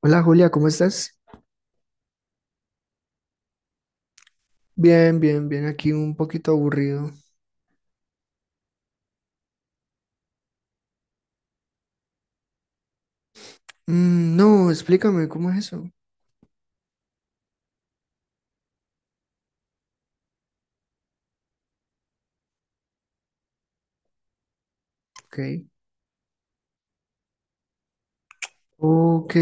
Hola Julia, ¿cómo estás? Bien, bien, bien, aquí un poquito aburrido. Mm, no, explícame, ¿cómo es eso? Ok. Ok,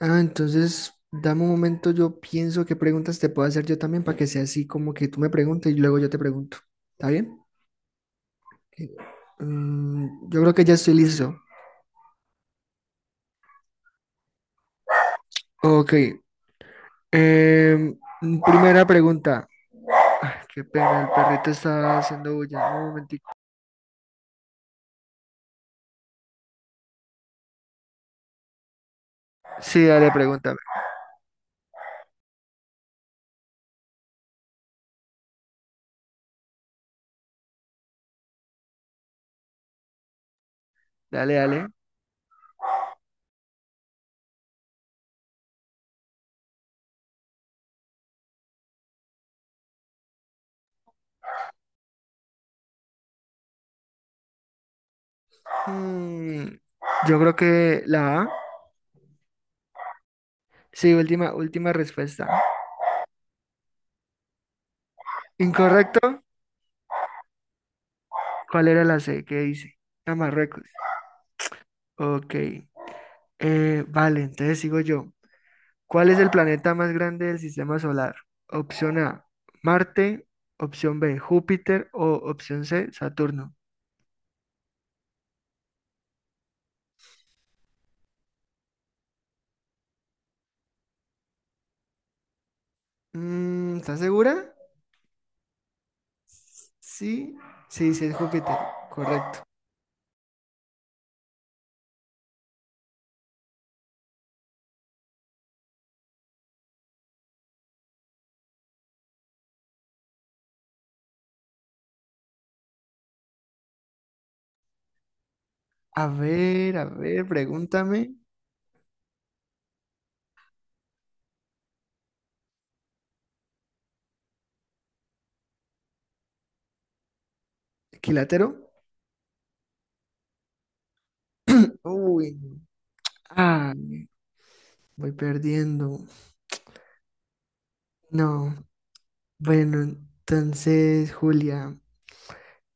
ah, entonces dame un momento, yo pienso qué preguntas te puedo hacer yo también para que sea así como que tú me preguntes y luego yo te pregunto. ¿Está bien? Ok. Yo creo que ya estoy listo. Ok, primera pregunta. Ah, qué pena, el perrito está haciendo bulla. Un momentico. Sí, dale, pregúntame. Dale, dale. Mm, yo creo que la A. Sí, última, última respuesta. Incorrecto. ¿Cuál era la C? ¿Qué dice? A Marruecos. Ok. Vale, entonces sigo yo. ¿Cuál es el planeta más grande del sistema solar? Opción A, Marte. Opción B, Júpiter. O opción C, Saturno. ¿Estás segura? Sí, sí, sí, es Júpiter. Correcto. A ver, pregúntame. ¿Quilátero? Uy, no. Ah, voy perdiendo. No. Bueno, entonces, Julia,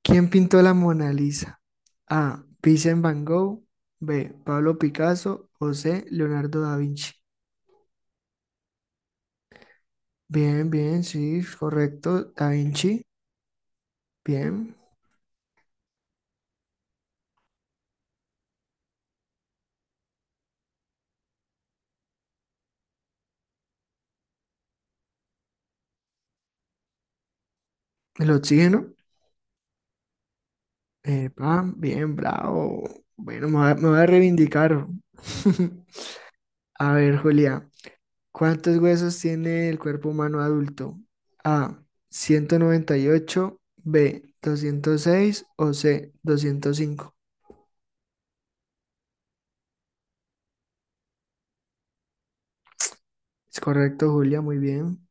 ¿quién pintó la Mona Lisa? A. Vincent Van Gogh. B. Pablo Picasso. O C. Leonardo da Vinci. Bien, bien, sí, correcto. Da Vinci. Bien. El oxígeno. Epa, bien, bravo. Bueno, me voy a reivindicar. A ver, Julia, ¿cuántos huesos tiene el cuerpo humano adulto? A, 198, B, doscientos seis, o C, 205. Es correcto, Julia, muy bien.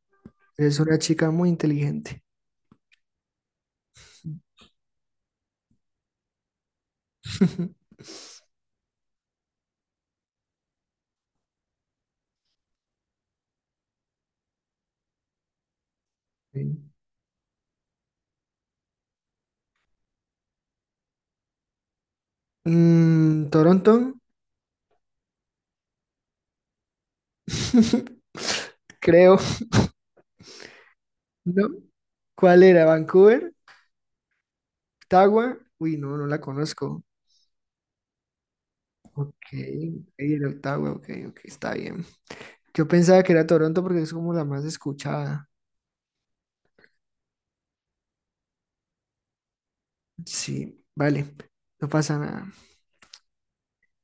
Es una chica muy inteligente. Sí. Toronto, creo, ¿no? ¿Cuál era? ¿Vancouver? ¿Ottawa? Uy, no, no la conozco. Ok, ok, era Ottawa, ok, ok, está bien. Yo pensaba que era Toronto porque es como la más escuchada. Sí, vale, no pasa nada.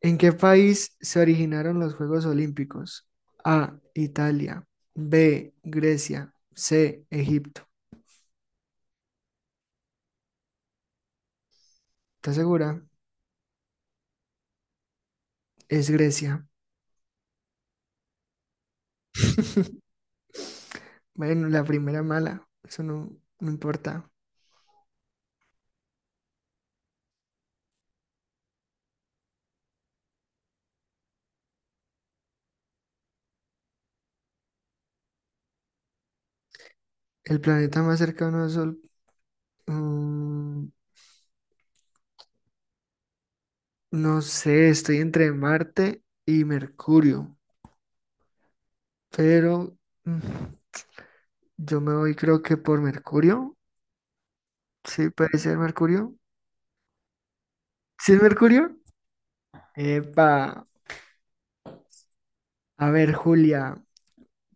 ¿En qué país se originaron los Juegos Olímpicos? A, Italia, B, Grecia, C, Egipto. ¿Estás segura? Es Grecia. Bueno, la primera mala, eso no, no importa. El planeta más cercano al Sol, mm, no sé, estoy entre Marte y Mercurio, pero mm, yo me voy creo que por Mercurio. Sí, puede ser Mercurio. ¿Sí es Mercurio? Epa. A ver, Julia,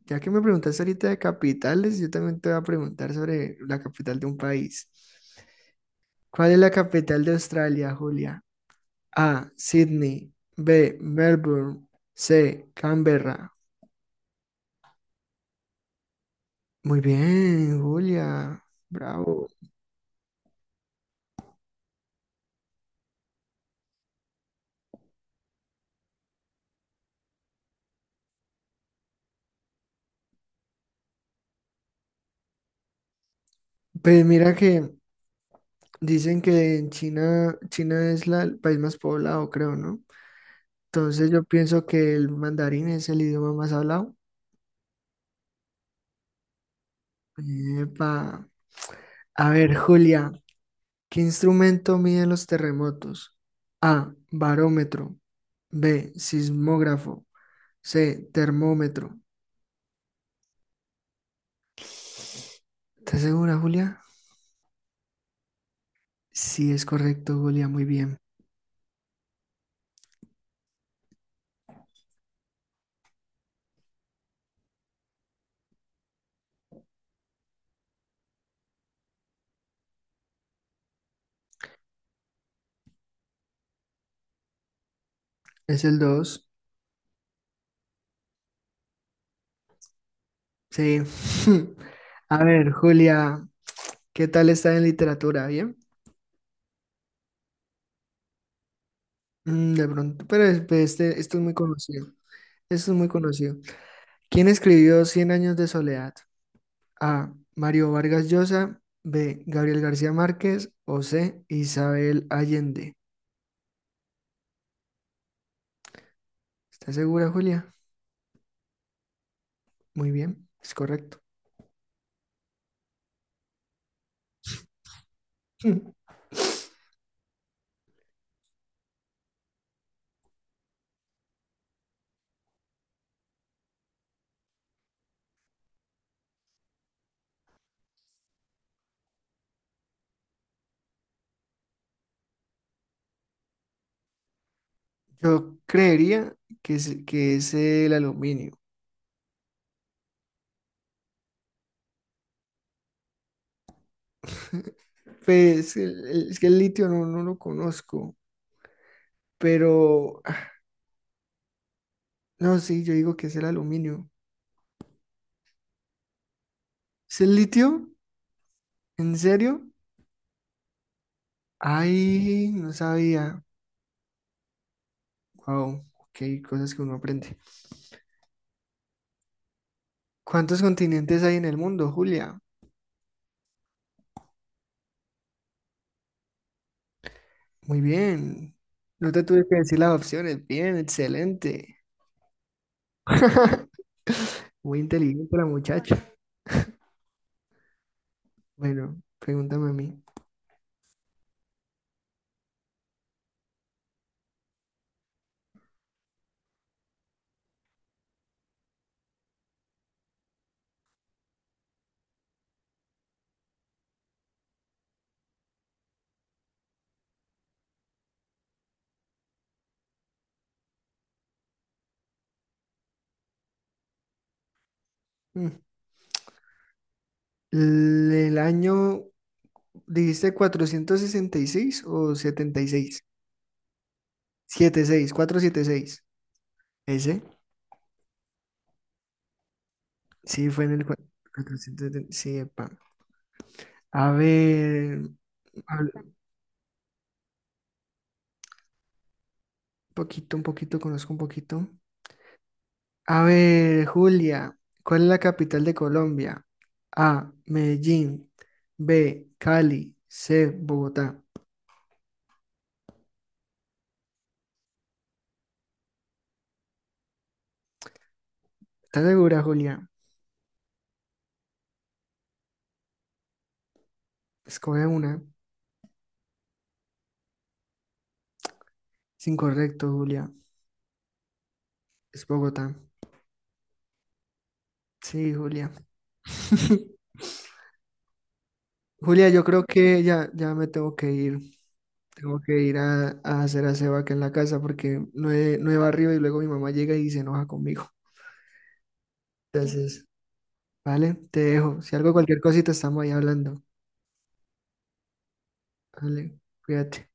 ya que me preguntaste ahorita de capitales, yo también te voy a preguntar sobre la capital de un país. ¿Cuál es la capital de Australia, Julia? A. Sydney. B. Melbourne. C. Canberra. Muy bien, Julia. Bravo. Pues mira que dicen que en China, China es el país más poblado, creo, ¿no? Entonces yo pienso que el mandarín es el idioma más hablado. Epa, a ver, Julia, ¿qué instrumento mide los terremotos? A, barómetro. B, sismógrafo. C, termómetro. ¿Estás segura, Julia? Sí, es correcto, Julia, muy bien. Es el dos. Sí. A ver, Julia, ¿qué tal está en literatura? ¿Bien? De pronto, pero pues, este, esto es muy conocido. Esto es muy conocido. ¿Quién escribió Cien años de soledad? A. Mario Vargas Llosa. B. Gabriel García Márquez. O C. Isabel Allende. ¿Estás segura, Julia? Muy bien, es correcto. Yo creería que es, el aluminio. Pues es que el litio no, no lo conozco, pero ah, no, sí, yo digo que es el aluminio. ¿Es el litio? ¿En serio? Ay, no sabía. Wow, ok, cosas que uno aprende. ¿Cuántos continentes hay en el mundo, Julia? Muy bien. No te tuve que decir las opciones. Bien, excelente. Muy inteligente la muchacha. Bueno, pregúntame a mí. Mm. ¿El año dijiste 466 o setenta y seis? Setenta y seis, seis, setenta y seis. ¿Ese? Sí, fue en el 476. Sí, epa. A ver, hab- un poquito, conozco un poquito. A ver, Julia, ¿cuál es la capital de Colombia? A, Medellín. B, Cali. C, Bogotá. ¿Estás segura, Julia? Escoge una. Es incorrecto, Julia. Es Bogotá. Sí, Julia. Julia, yo creo que ya, ya me tengo que ir. Tengo que ir a hacer aseo aquí en la casa porque no he barrido y luego mi mamá llega y se enoja conmigo. Entonces, ¿vale? Te dejo. Si algo, cualquier cosita, estamos ahí hablando. Vale, cuídate.